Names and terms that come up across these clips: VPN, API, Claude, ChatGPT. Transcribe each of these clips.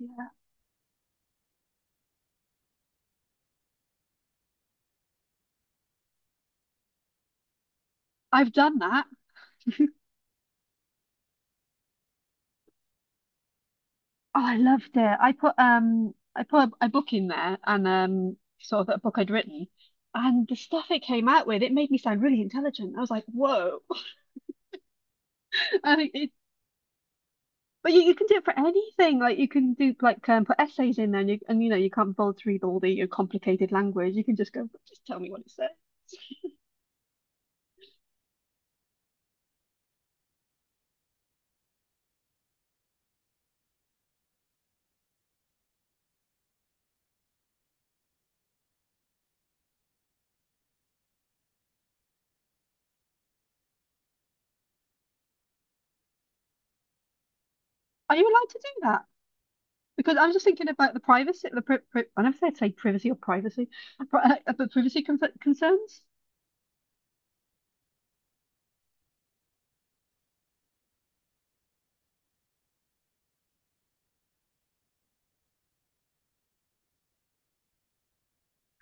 Yeah. I've done that. Oh, I loved it. I put a book in there and sort of a book I'd written, and the stuff it came out with, it made me sound really intelligent. I was like, whoa. And it, it- but you can do it for anything. Like you can do like put essays in there and you know you can't bullet through all the your complicated language. You can just go, just tell me what it says. Are you allowed to do that? Because I was just thinking about the privacy, the pri pri I never say privacy or privacy, but, but privacy concerns.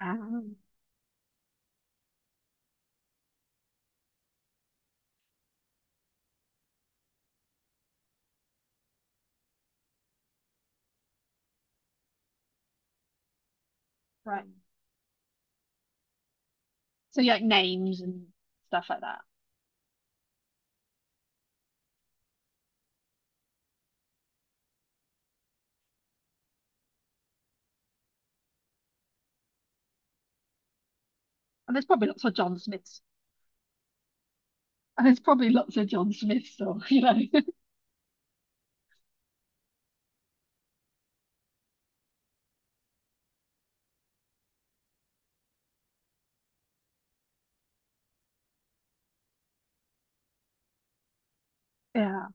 Um, right. So yeah, like names and stuff like that. And there's probably lots of John Smiths. And there's probably lots of John Smiths or you know. Yeah.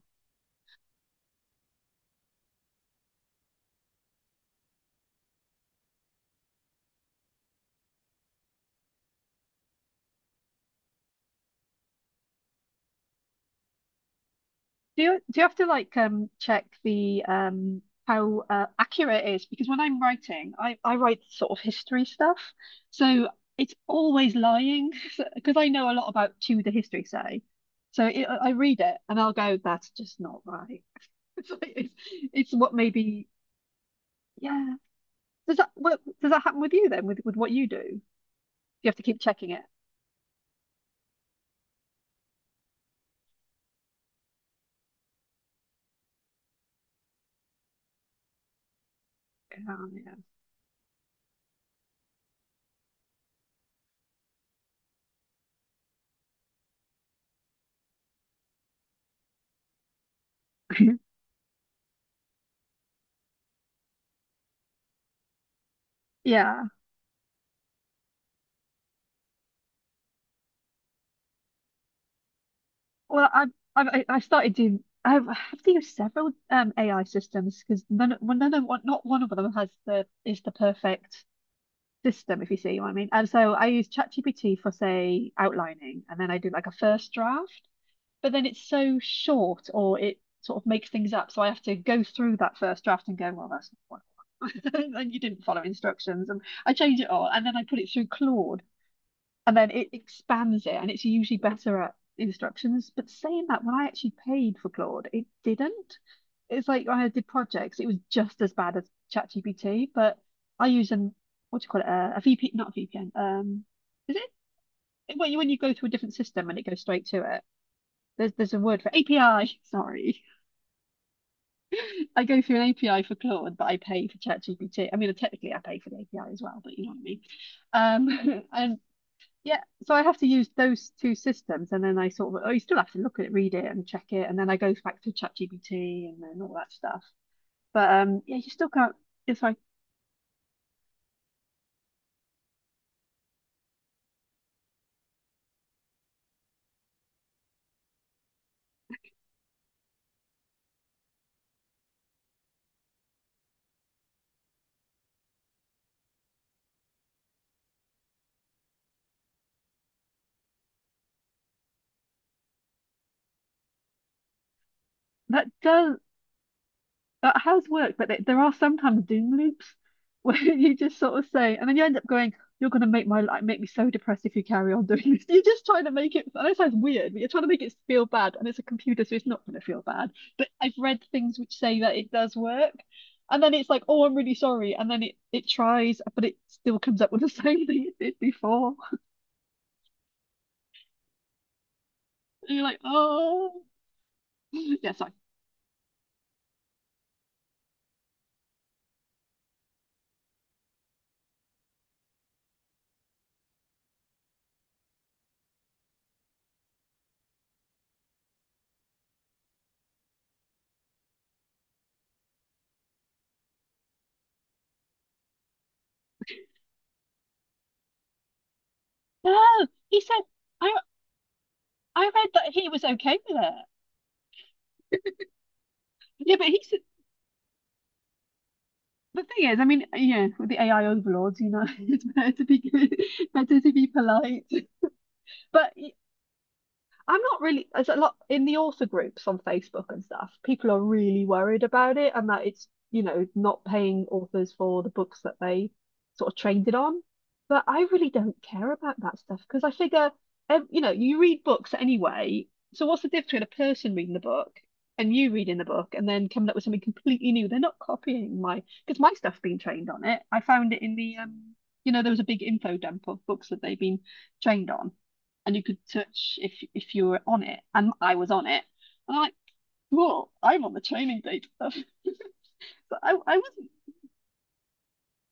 Do you have to like check the how accurate it is? Because when I'm writing, I write sort of history stuff. So it's always lying because I know a lot about Tudor history, say. So I read it and I'll go, that's just not right. It's, like, it's what maybe, yeah. Does that happen with you then, with what you do? You have to keep checking it. Oh, yeah. Yeah. Well, I started doing I've I have to use several AI systems because none well, none of one not one of them has the is the perfect system, if you see what I mean. And so I use ChatGPT for say outlining, and then I do like a first draft, but then it's so short or it sort of makes things up. So I have to go through that first draft and go, well, that's not what and you didn't follow instructions, and I change it all, and then I put it through Claude, and then it expands it, and it's usually better at instructions. But saying that, when I actually paid for Claude, it didn't. It's like when I did projects, it was just as bad as ChatGPT, but I use an what do you call it? A VP, not a VPN. Is it when you go through a different system and it goes straight to it? There's a word for API. Sorry, I go through an API for Claude, but I pay for ChatGPT. I mean, technically I pay for the API as well, but you know what I mean. And yeah, so I have to use those two systems, and then I sort of oh, you still have to look at it, read it, and check it, and then I go back to ChatGPT and then all that stuff. But yeah, you still can't. It's like that does that has worked, but there are sometimes doom loops where you just sort of say, and then you end up going, "You're going to make my life make me so depressed if you carry on doing this." You're just trying to make it. I know it sounds weird, but you're trying to make it feel bad, and it's a computer, so it's not going to feel bad. But I've read things which say that it does work, and then it's like, "Oh, I'm really sorry," and then it tries, but it still comes up with the same thing it did before. And you're like, "Oh, yeah, sorry." No, he said, I I read that he was okay with it. Yeah, but he The thing is, I mean, yeah, with the AI overlords, you know, it's better to be good, better to be polite. But I'm not really, there's a lot in the author groups on Facebook and stuff. People are really worried about it and that it's, you know, not paying authors for the books that they sort of trained on. But I really don't care about that stuff because I figure, you know, you read books anyway. So what's the difference between a person reading the book and you reading the book and then coming up with something completely new? They're not copying my, because my stuff's been trained on it. I found it in the, you know, there was a big info dump of books that they've been trained on, and you could touch if you were on it, and I was on it. And I'm like, whoa, I'm on the training data stuff. But I wasn't.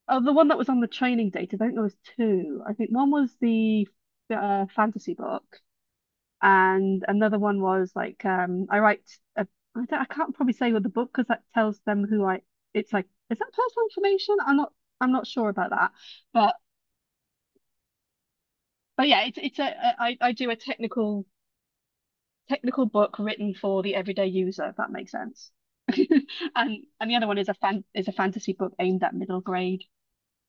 Oh, the one that was on the training data, I think there was two. I think one was the fantasy book, and another one was like I write. A, I don't, I can't probably say with the book because that tells them who I. It's like is that personal information? I'm not. I'm not sure about that, but but yeah, it's a I do a technical book written for the everyday user, if that makes sense. And the other one is a fantasy book aimed at middle grade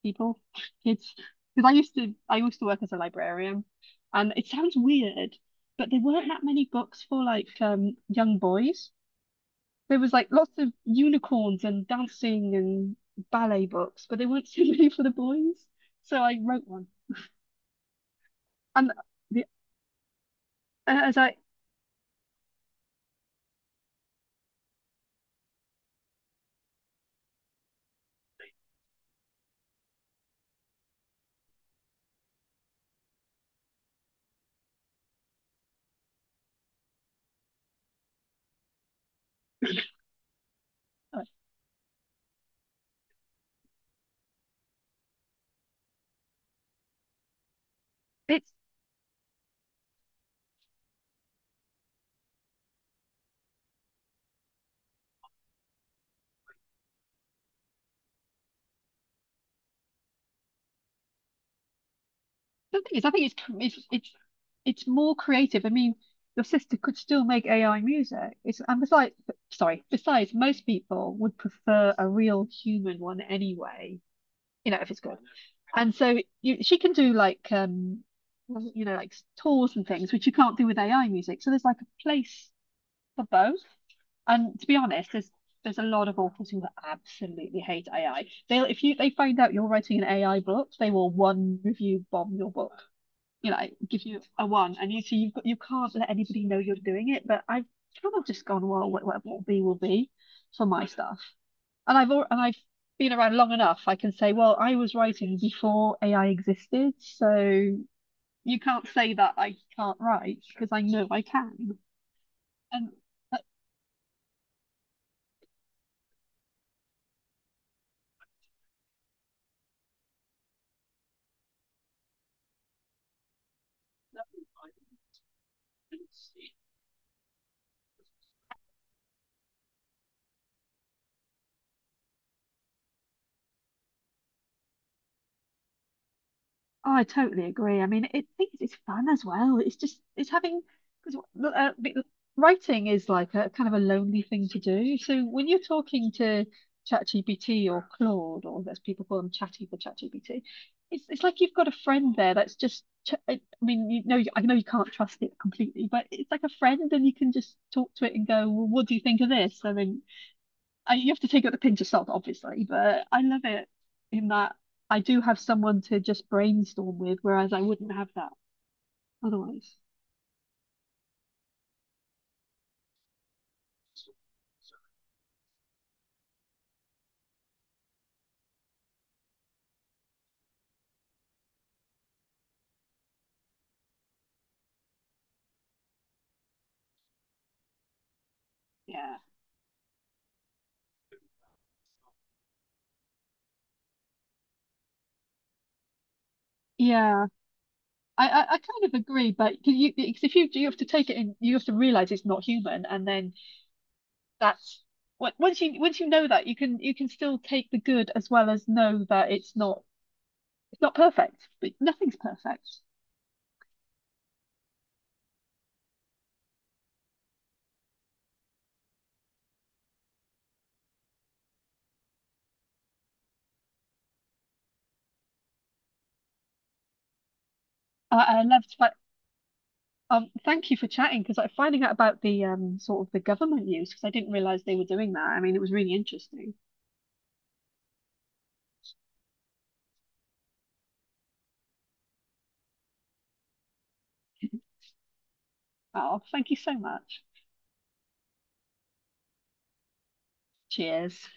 people, kids. Because I used to work as a librarian, and it sounds weird, but there weren't that many books for like young boys. There was like lots of unicorns and dancing and ballet books, but there weren't so many for the boys. So I wrote one, and the as I uh, it's the thing is, I think it's more creative. I mean, your sister could still make AI music. It's and besides, sorry, besides, most people would prefer a real human one anyway. You know, if it's good. And so you, she can do like you know, like tours and things, which you can't do with AI music. So there's like a place for both. And to be honest, there's a lot of authors who absolutely hate AI. They'll if you they find out you're writing an AI book, they will one review bomb your book, you know, I give you a one, and you see you've got you can't let anybody know you're doing it. But I've kind of just gone, well, whatever will be for my stuff, and I've been around long enough. I can say, well, I was writing before AI existed, so you can't say that I can't write because I know I can. And that, that Oh, I totally agree. I mean, it's fun as well. It's just it's having because uh, b- writing is like a kind of a lonely thing to do. So when you're talking to ChatGPT or Claude, or as people call them, Chatty for ChatGPT, it's like you've got a friend there that's just. Ch I mean, you know, I know you can't trust it completely, but it's like a friend, and you can just talk to it and go, "Well, what do you think of this?" And then I, you have to take it with a pinch of salt, obviously, but I love it in that I do have someone to just brainstorm with, whereas I wouldn't have that otherwise. Yeah, yeah. I kind of agree, but because you, because if you you have to take it in, you have to realize it's not human, and then that's what once you know that you can still take the good as well as know that it's not perfect, but nothing's perfect. I loved like, um, thank you for chatting because like finding out about the sort of the government use, because I didn't realize they were doing that. I mean, it was really interesting. Oh, thank you so much. Cheers.